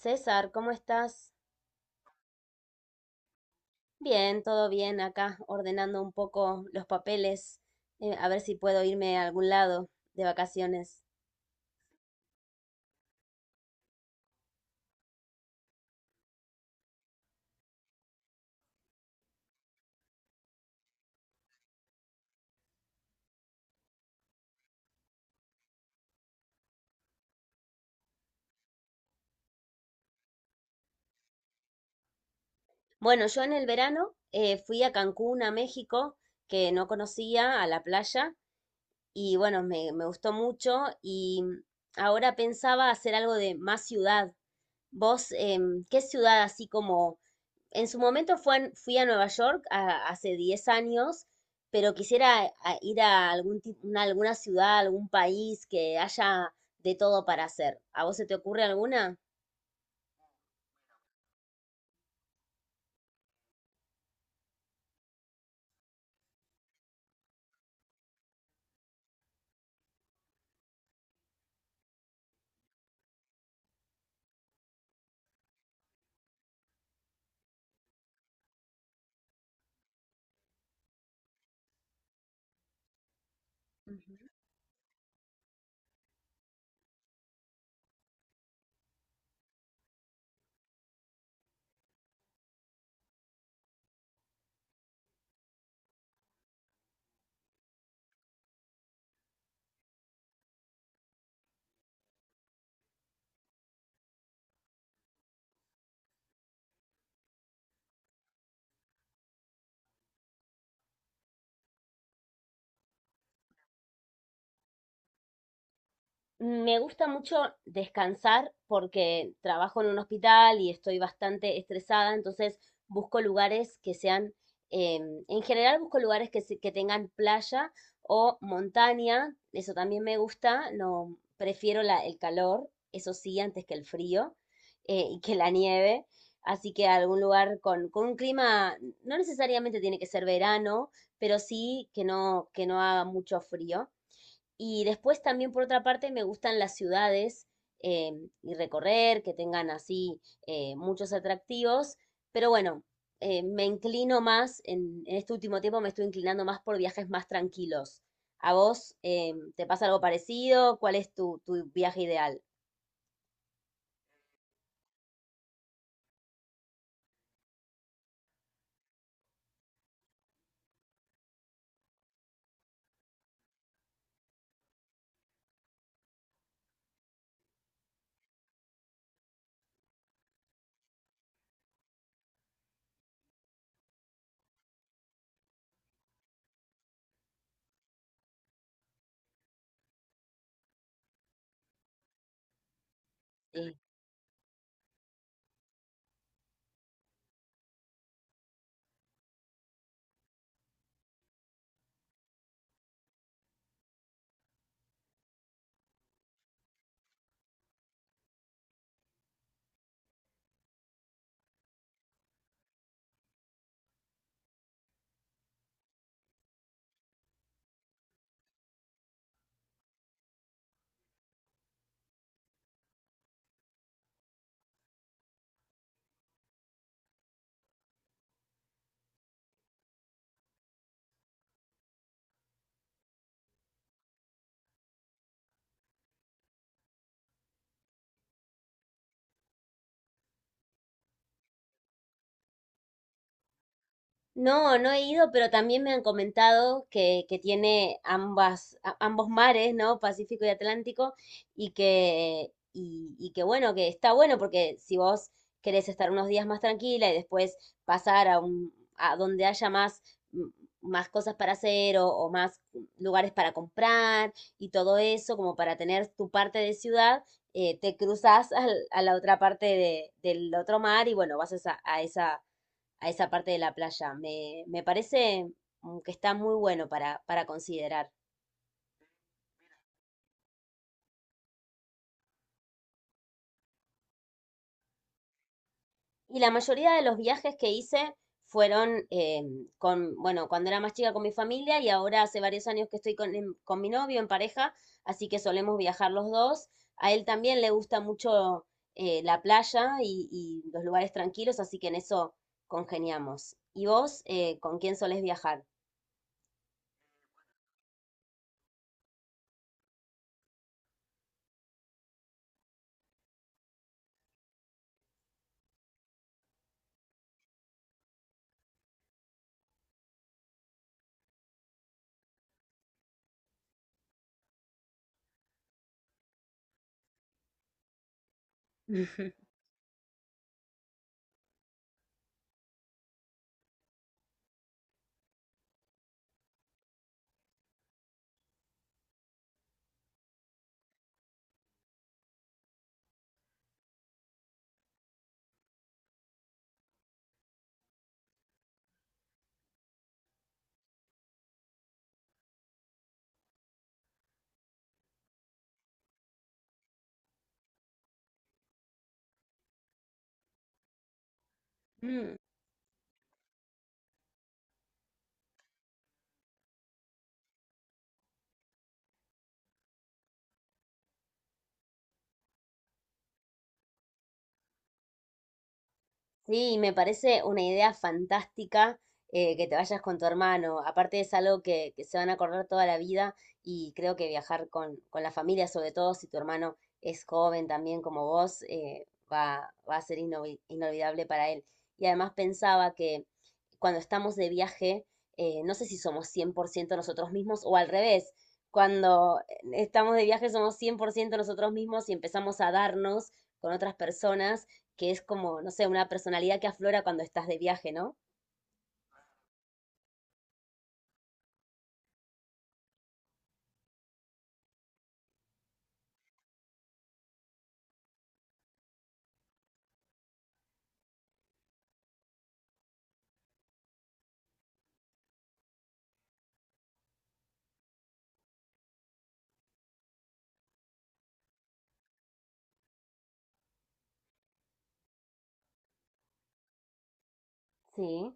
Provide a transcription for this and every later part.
César, ¿cómo estás? Bien, todo bien acá, ordenando un poco los papeles, a ver si puedo irme a algún lado de vacaciones. Bueno, yo en el verano fui a Cancún, a México, que no conocía, a la playa, y bueno, me gustó mucho y ahora pensaba hacer algo de más ciudad. ¿Vos, qué ciudad así como en su momento fui a Nueva York hace 10 años, pero quisiera ir a alguna ciudad, algún país que haya de todo para hacer? ¿A vos se te ocurre alguna? Me gusta mucho descansar porque trabajo en un hospital y estoy bastante estresada, entonces busco lugares que sean, en general busco lugares que tengan playa o montaña, eso también me gusta, no prefiero el calor, eso sí, antes que el frío y que la nieve, así que algún lugar con un clima, no necesariamente tiene que ser verano, pero sí que no haga mucho frío. Y después también, por otra parte, me gustan las ciudades eh, y recorrer, que tengan así muchos atractivos. Pero bueno, me inclino más, en este último tiempo me estoy inclinando más por viajes más tranquilos. ¿A vos te pasa algo parecido? ¿Cuál es tu viaje ideal? No, no he ido, pero también me han comentado que tiene ambas, ambos mares, ¿no? Pacífico y Atlántico, y que bueno, que está bueno, porque si vos querés estar unos días más tranquila y después pasar a un, a donde haya más, mm, más cosas para hacer o más lugares para comprar y todo eso, como para tener tu parte de ciudad, te cruzas a la otra parte del otro mar y bueno, vas a esa, a esa a esa parte de la playa. Me parece que está muy bueno para considerar. Y la mayoría de los viajes que hice fueron bueno, cuando era más chica con mi familia y ahora hace varios años que estoy con mi novio en pareja, así que solemos viajar los dos. A él también le gusta mucho la playa y los lugares tranquilos, así que en eso congeniamos. ¿Y vos, con quién solés viajar? Mm. Sí, me parece una idea fantástica que te vayas con tu hermano. Aparte es algo que se van a acordar toda la vida y creo que viajar con la familia, sobre todo si tu hermano es joven también como vos, va a ser inolvidable para él. Y además pensaba que cuando estamos de viaje, no sé si somos 100% nosotros mismos o al revés. Cuando estamos de viaje somos 100% nosotros mismos y empezamos a darnos con otras personas que es como, no sé, una personalidad que aflora cuando estás de viaje, ¿no? Sí.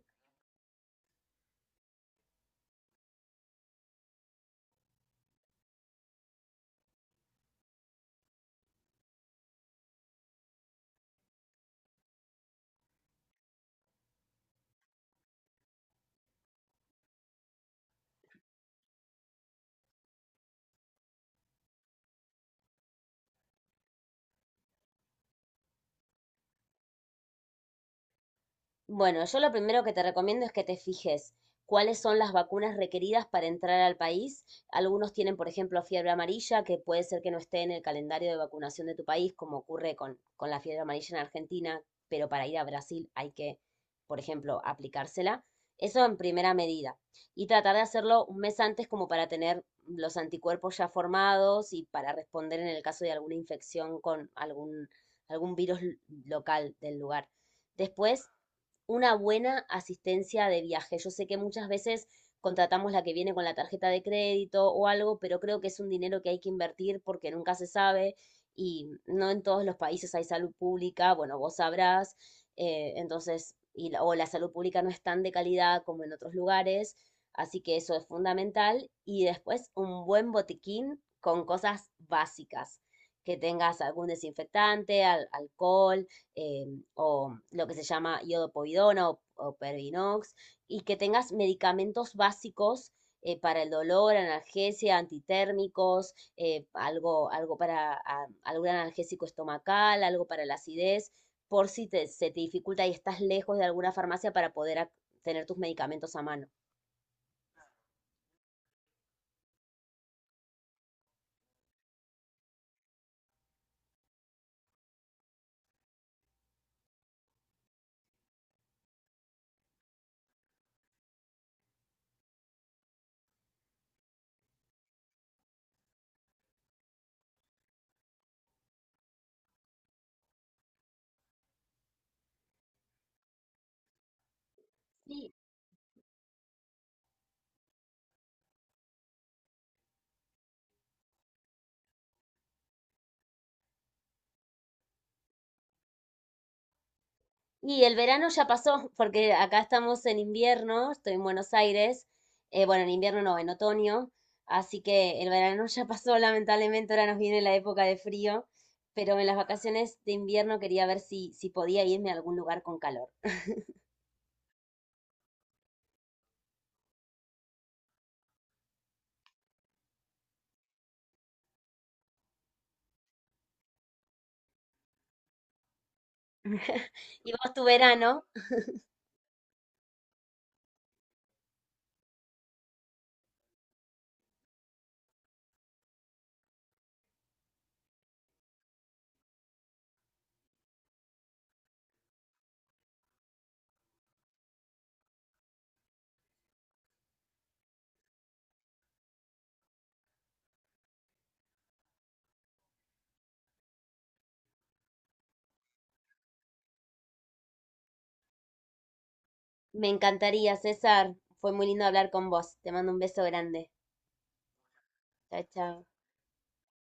Bueno, yo lo primero que te recomiendo es que te fijes cuáles son las vacunas requeridas para entrar al país. Algunos tienen, por ejemplo, fiebre amarilla, que puede ser que no esté en el calendario de vacunación de tu país, como ocurre con la fiebre amarilla en Argentina, pero para ir a Brasil por ejemplo, aplicársela. Eso en primera medida. Y tratar de hacerlo un mes antes como para tener los anticuerpos ya formados y para responder en el caso de alguna infección con algún local del lugar. Después, una buena asistencia de viaje. Yo sé que muchas veces contratamos la que viene con la tarjeta de crédito o algo, pero creo que es un dinero que hay que invertir porque nunca se sabe y no en todos los países hay salud pública, bueno, vos sabrás, entonces, o la salud pública no es tan de calidad como en otros lugares, así que eso es fundamental. Y después un buen botiquín con cosas básicas, que tengas algún desinfectante, alcohol, eh, o lo que se llama iodopovidona o pervinox, y que tengas medicamentos básicos para el dolor, analgesia, antitérmicos, algo para algún analgésico estomacal, algo para la acidez, por si se te dificulta y estás lejos de alguna farmacia para poder tener tus medicamentos a mano. Sí. Y el verano ya pasó, porque acá estamos en invierno, estoy en Buenos Aires, bueno, en invierno no, en otoño, así que el verano ya pasó, lamentablemente ahora nos viene la época de frío, pero en las vacaciones de invierno quería ver si, si podía irme a algún lugar con calor. Y vos tu verano, me encantaría, César, fue muy lindo hablar con vos, te mando un beso grande. Chao, chao.